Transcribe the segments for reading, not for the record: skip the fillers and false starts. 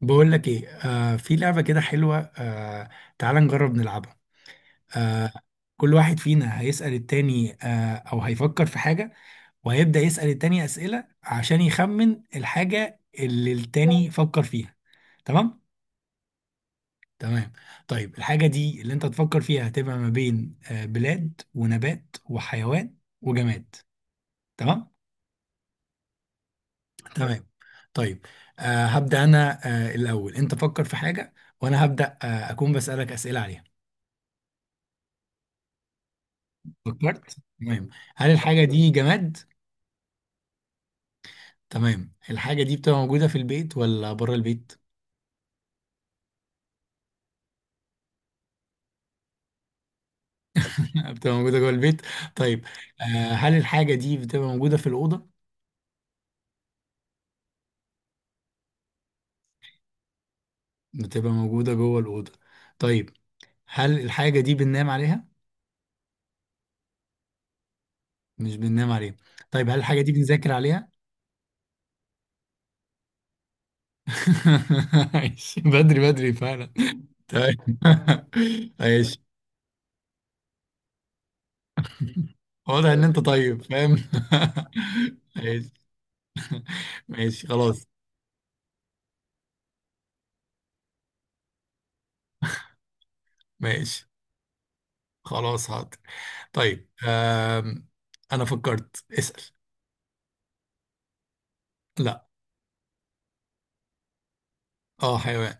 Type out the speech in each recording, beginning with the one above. بقول لك ايه، في لعبة كده حلوة. تعال نجرب نلعبها. آه كل واحد فينا هيسأل التاني، او هيفكر في حاجة وهيبدأ يسأل التاني أسئلة عشان يخمن الحاجة اللي التاني فكر فيها. تمام. تمام. طيب الحاجة دي اللي انت تفكر فيها هتبقى ما بين بلاد ونبات وحيوان وجماد. تمام. تمام. طيب، هبدأ انا. الأول انت فكر في حاجة، وانا هبدأ اكون بسألك أسئلة عليها. فكرت؟ تمام. هل الحاجة دي جماد؟ تمام. الحاجة دي بتبقى موجودة في البيت ولا بره البيت؟ بتبقى موجودة جوه البيت. طيب. آه هل الحاجة دي بتبقى موجودة في الأوضة؟ بتبقى موجودة جوه الأوضة. طيب. هل الحاجة دي بننام عليها؟ مش بننام عليها. طيب هل الحاجة دي بنذاكر عليها؟ ماشي، بدري بدري فعلا. طيب. ماشي. واضح ان انت طيب فاهم. ماشي. ماشي خلاص. ماشي. خلاص حاضر. طيب، انا فكرت اسأل. لا. اه حيوان.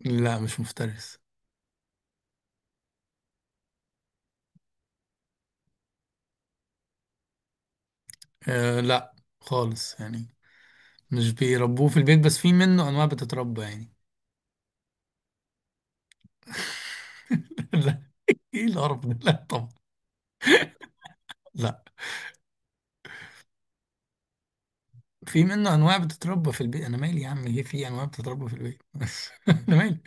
لا، مش مفترس. لا، خالص يعني. مش بيربوه في البيت، بس في منه انواع بتتربى يعني. لا، ايه القرف ده؟ لا طبعا. لا، في منه انواع بتتربى في البيت. انا مالي يا عم؟ ايه، في انواع بتتربى في البيت؟ انا مالي.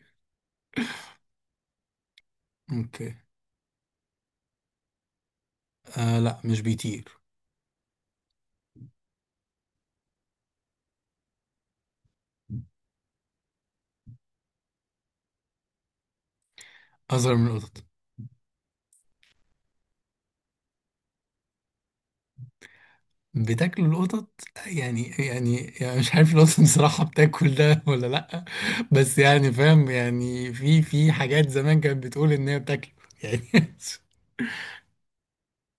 اوكي. لا، مش بيطير. اصغر من القطط. بتاكلوا القطط يعني يعني، يعني مش عارف القطط بصراحة بتاكل ده ولا لأ. بس يعني فاهم، يعني في حاجات زمان كانت بتقول إن هي بتاكله يعني.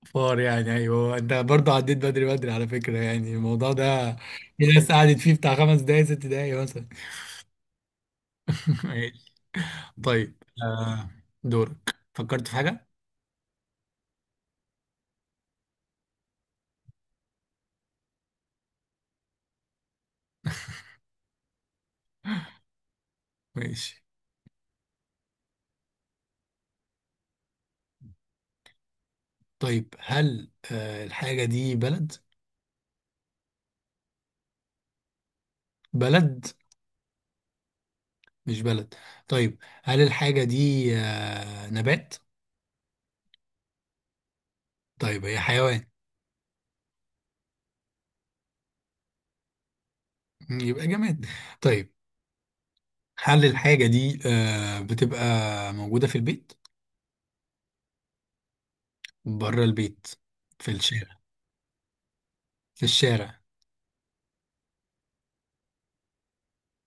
فار يعني؟ أيوه، أنت برضه عديت بدري بدري على فكرة يعني الموضوع ده. في ناس قعدت فيه بتاع خمس دقايق ست دقايق مثلا. ماشي. طيب. دورك، فكرت في حاجة؟ ماشي. طيب هل الحاجة دي بلد؟ بلد. مش بلد. طيب هل الحاجة دي نبات؟ طيب هي حيوان؟ يبقى جماد. طيب. هل الحاجة دي بتبقى موجودة في البيت؟ بره البيت؟ في الشارع. في الشارع.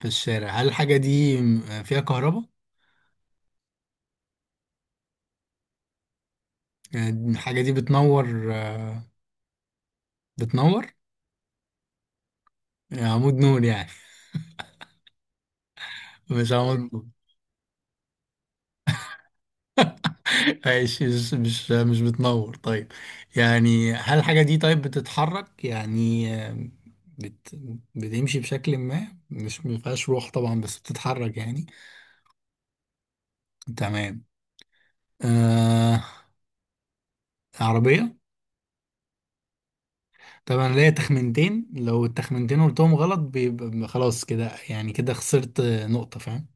في الشارع. هل الحاجة دي فيها كهرباء؟ يعني الحاجة دي بتنور، بتنور؟ يعني عمود نور يعني؟ مش عمود نور. ماشي، مش بتنور. طيب، يعني هل الحاجة دي طيب بتتحرك يعني؟ بت بتمشي بشكل ما، مش مفيهاش روح طبعا بس بتتحرك يعني. تمام. آه عربية؟ طبعا ليا تخمنتين، لو التخمنتين قلتهم غلط بيبقى خلاص كده يعني، كده خسرت نقطة فاهم.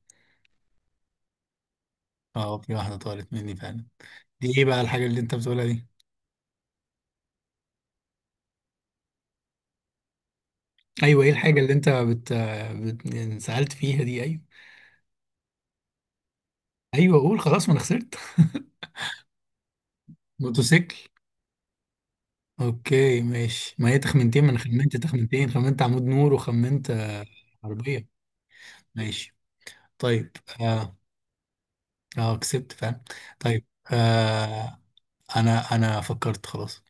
اه، في واحدة طارت مني فعلا. دي ايه بقى الحاجة اللي انت بتقولها دي؟ ايوه، ايه الحاجة اللي انت يعني سألت فيها دي؟ ايوه ايوه، قول خلاص ما انا خسرت. موتوسيكل. اوكي ماشي، ما هي تخمنتين، ما انا خمنت تخمنتين، خمنت عمود نور وخمنت عربية. ماشي. طيب. اه، اه كسبت فعلا. طيب. آه انا فكرت خلاص.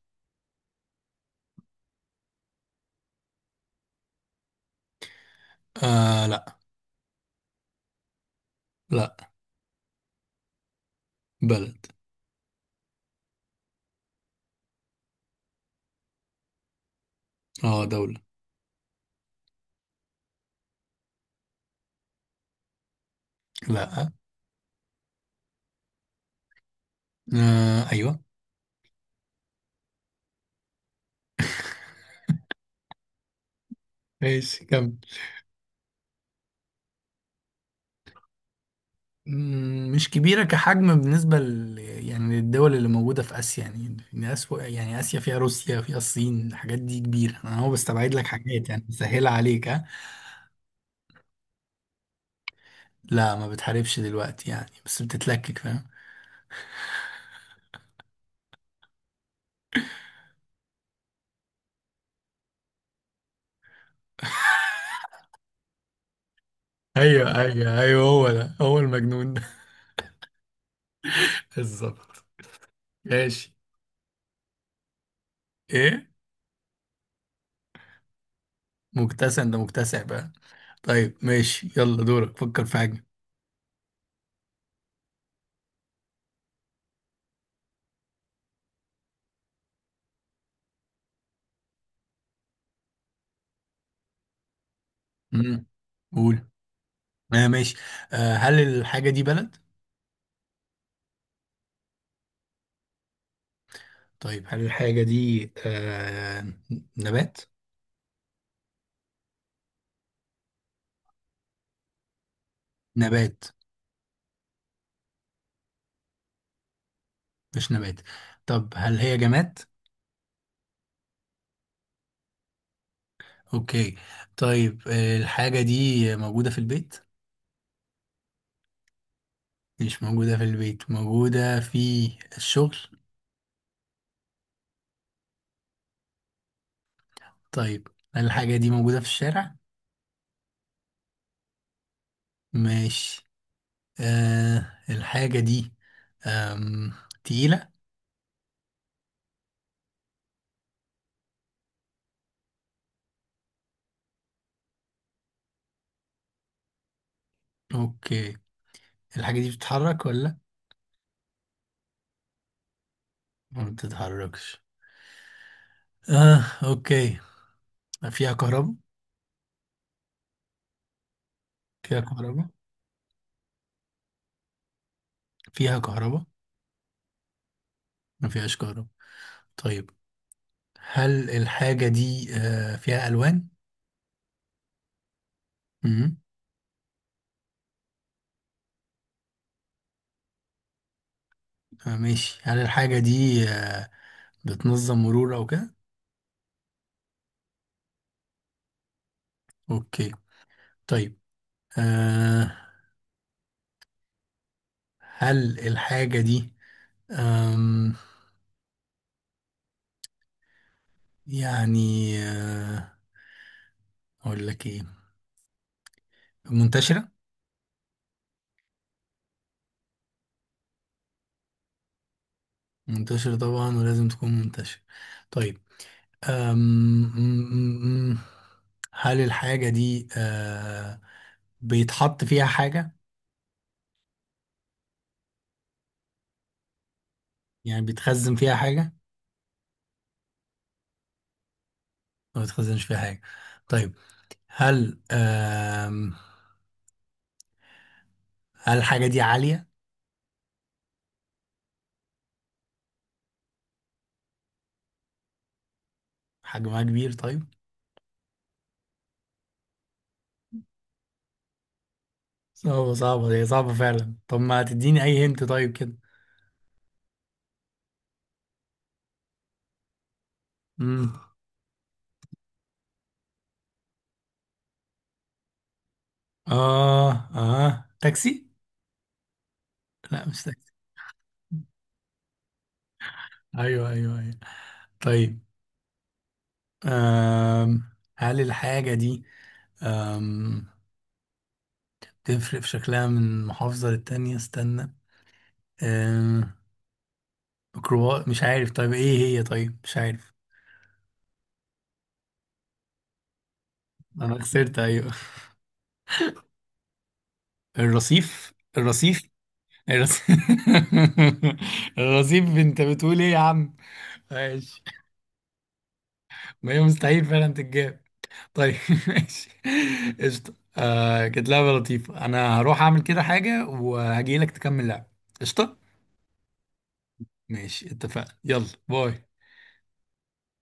لا. لا. بلد. اه دولة. لا. ايوه. ماشي كمل. مش كبيرة كحجم بالنسبة يعني للدول اللي موجودة في آسيا يعني، يعني يعني آسيا فيها روسيا، فيها الصين، الحاجات دي كبيرة. أنا هو بستبعد لك حاجات يعني مسهلة عليك ها. لا، ما بتحاربش دلوقتي يعني بس بتتلكك فاهم. ايوه ايوه ايوه، هو ده هو المجنون ده. بالظبط. ماشي. ايه؟ مكتسع، انت مكتسع بقى. طيب ماشي، يلا دورك فكر في حاجة. امم. قول. ماشي. هل الحاجة دي بلد؟ طيب هل الحاجة دي نبات؟ نبات. مش نبات. طب هل هي جماد؟ اوكي. طيب الحاجة دي موجودة في البيت؟ مش موجودة في البيت. موجودة في الشغل؟ طيب هل الحاجة دي موجودة في الشارع؟ ماشي. الحاجة دي آم، تقيلة؟ اوكي. الحاجة دي بتتحرك ولا؟ ما بتتحركش. اه اوكي. ما فيها كهرباء؟ فيها كهرباء؟ فيها كهرباء. ما فيهاش كهرباء. طيب. هل الحاجة دي فيها ألوان؟ امم. ماشي. هل الحاجة دي بتنظم مرور أو كده؟ أوكي. طيب. آه، هل الحاجة دي آم، يعني آه، أقول لك إيه، منتشرة؟ منتشرة طبعا، ولازم تكون منتشرة. طيب. آم، م- م- م- هل الحاجة دي بيتحط فيها حاجة؟ يعني بيتخزن فيها حاجة؟ ما بيتخزنش فيها حاجة. طيب. هل آم هل الحاجة دي عالية؟ حجمها كبير؟ طيب. صعبة صعبة هي صعبة فعلا، طب ما تديني أي هنت طيب كده. امم. تاكسي. لا مش تاكسي. أيوه أيوه أيوه. طيب. آم هل الحاجة دي آم تفرق في شكلها من محافظة للتانية؟ استنى. آم ميكروباص؟ مش عارف طيب إيه هي؟ طيب مش عارف. أنا خسرت أيوه. الرصيف؟ الرصيف؟ الرص- الرصيف؟ انت بتقول ايه يا عم؟ ماشي. ما هي مستحيل فعلا تتجاب. طيب. ماشي. قشطة. كانت لعبة لطيفة، انا هروح اعمل كده حاجة وهجيلك تكمل لعب. قشطة. ماشي، اتفقنا. يلا باي.